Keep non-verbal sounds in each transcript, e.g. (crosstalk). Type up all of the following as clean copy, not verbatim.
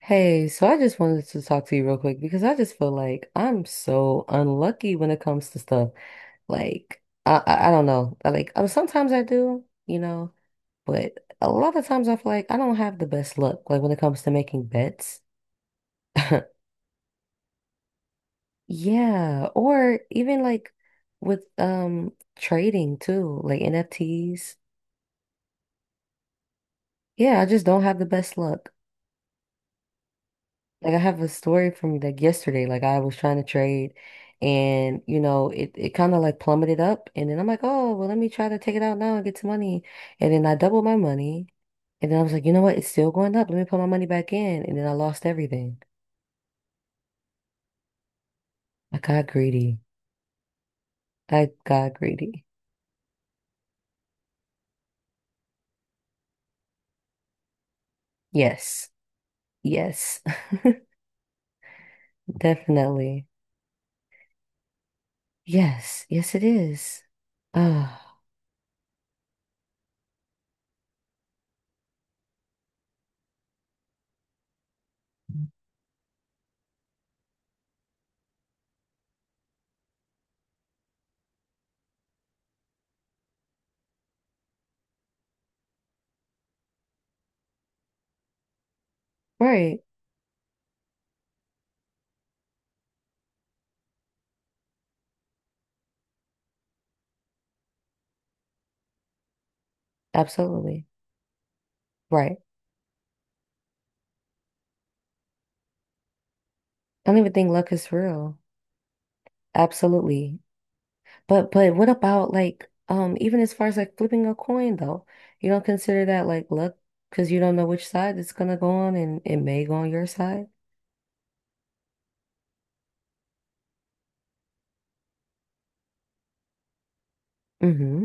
Hey, so I just wanted to talk to you real quick because I just feel like I'm so unlucky when it comes to stuff. Like, I don't know. I, like, sometimes I do, but a lot of times I feel like I don't have the best luck. Like when it comes to making bets. (laughs) Yeah, or even like with trading too, like NFTs. Yeah, I just don't have the best luck. Like I have a story from like yesterday. Like I was trying to trade, and it kind of like plummeted up, and then I'm like, oh, well, let me try to take it out now and get some money. And then I doubled my money. And then I was like, you know what? It's still going up. Let me put my money back in. And then I lost everything. I got greedy. I got greedy. Yes. Yes. (laughs) Definitely. Yes. Yes, it is. Ah, right. Absolutely. Right. I don't even think luck is real. Absolutely. But what about, like, even as far as like flipping a coin though? You don't consider that like luck, because you don't know which side it's gonna go on, and it may go on your side? Mm-hmm.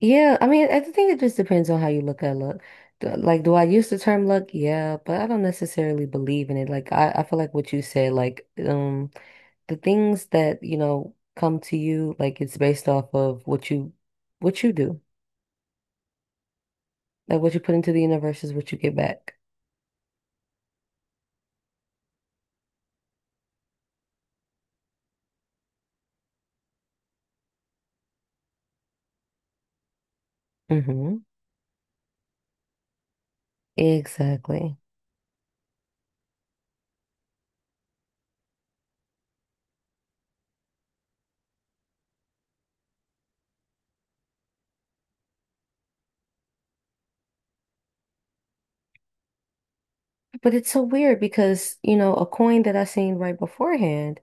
Yeah, I mean I think it just depends on how you look at luck. Like, do I use the term luck? Yeah, but I don't necessarily believe in it. Like I feel like what you said, like the things that, come to you, like it's based off of what you do. Like what you put into the universe is what you get back. Mm-hmm. Exactly. But it's so weird because, a coin that I seen right beforehand,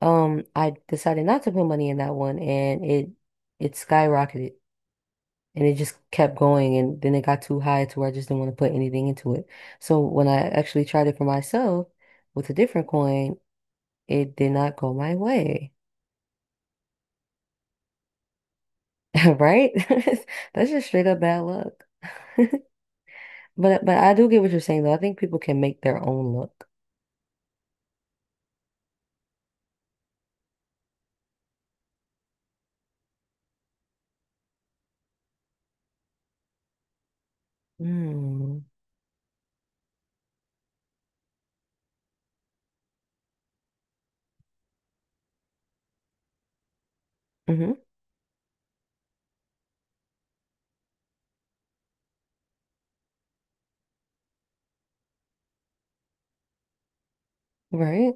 I decided not to put money in that one, and it skyrocketed, and it just kept going, and then it got too high to where I just didn't want to put anything into it. So when I actually tried it for myself with a different coin, it did not go my way. (laughs) Right? (laughs) That's just straight up bad luck. (laughs) But I do get what you're saying though. I think people can make their own luck. Mm. hmm Right?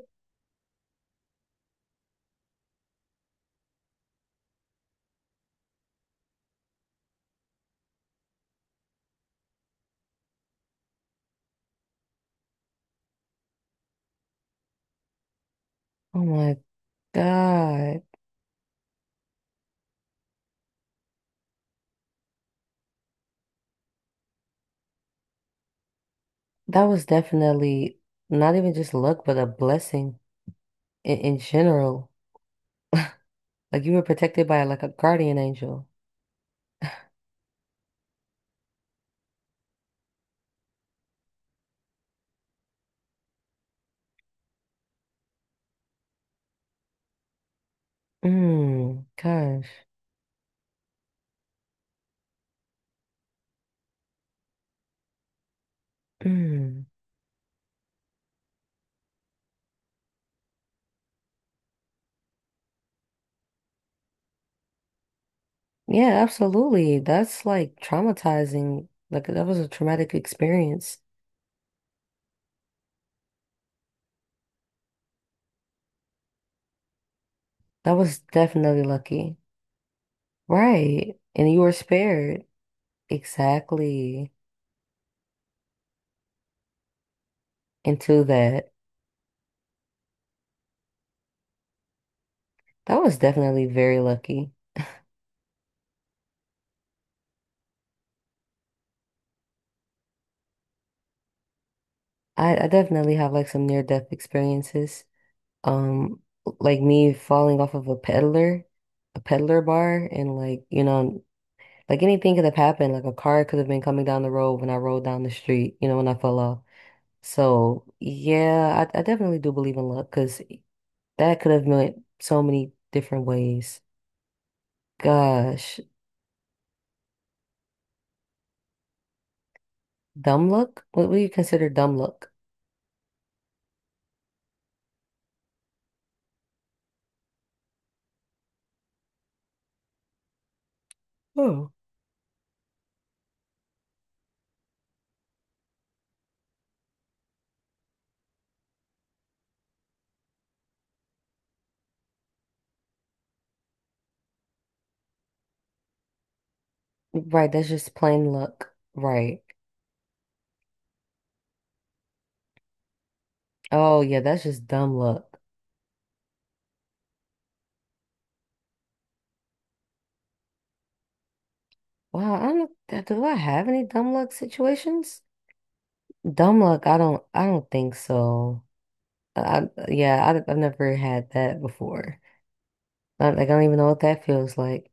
Oh my God. That was definitely not even just luck, but a blessing in general. Like you were protected by like a guardian angel. Mm, gosh. Mm. Yeah, absolutely. That's like traumatizing. Like that was a traumatic experience. That was definitely lucky. Right. And you were spared. Exactly. Into that. That was definitely very lucky. I definitely have like some near-death experiences. Um, like me falling off of a peddler bar, and, like, like anything could have happened. Like a car could have been coming down the road when I rolled down the street, when I fell off. So yeah, I definitely do believe in luck, because that could have meant so many different ways. Gosh. Dumb luck? What would you consider dumb luck? Oh. Right, that's just plain luck. Right. Oh yeah, that's just dumb luck. Wow, I don't, do I have any dumb luck situations? Dumb luck, I don't think so. Yeah, I've never had that before. Like I don't even know what that feels like.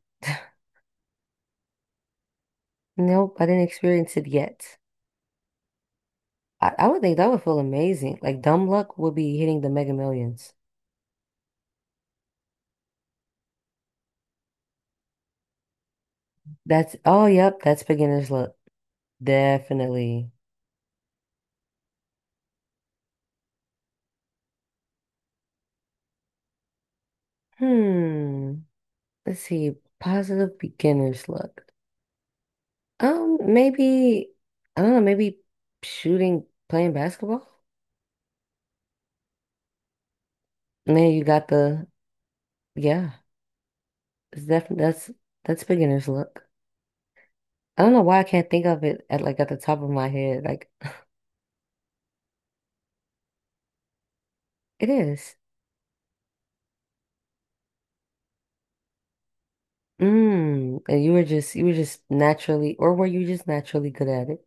Nope, I didn't experience it yet. I would think that would feel amazing. Like dumb luck would be hitting the Mega Millions. That's, oh yep, that's beginner's luck. Definitely. Hmm. Let's see. Positive beginner's luck. Maybe I don't know, maybe shooting, playing basketball. And then you got the yeah. It's definitely that's beginner's look. I don't know why I can't think of it at the top of my head. Like it is. Mm. And you were just naturally, or were you just naturally good at it?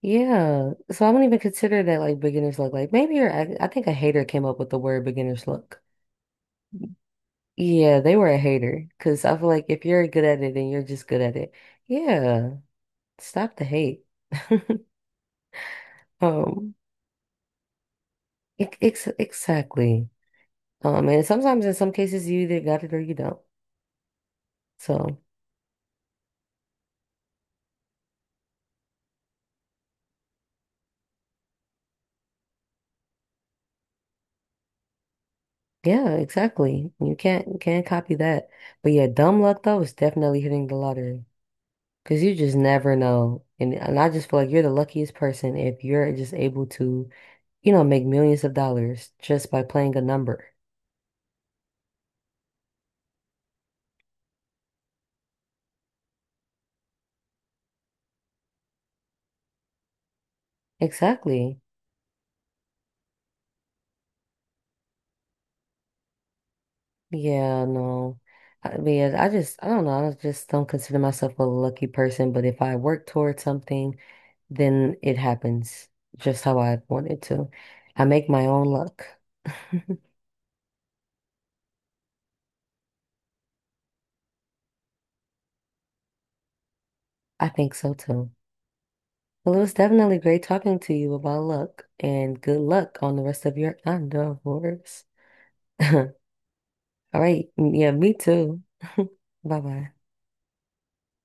Yeah. So I don't even consider that like beginner's look. I think a hater came up with the word beginner's look. Yeah, they were a hater, because I feel like if you're good at it then you're just good at it. Yeah. Stop the hate. (laughs) Um, exactly. And sometimes in some cases you either got it or you don't. So yeah, exactly. You can't copy that. But yeah, dumb luck though is definitely hitting the lottery, because you just never know. And I just feel like you're the luckiest person if you're just able to, make millions of dollars just by playing a number. Exactly. Yeah, no. I mean, I don't know. I just don't consider myself a lucky person, but if I work towards something, then it happens just how I want it to. I make my own luck. (laughs) I think so too. Well, it was definitely great talking to you about luck, and good luck on the rest of your endeavors. (laughs) All right. Yeah, me too. (laughs) Bye bye.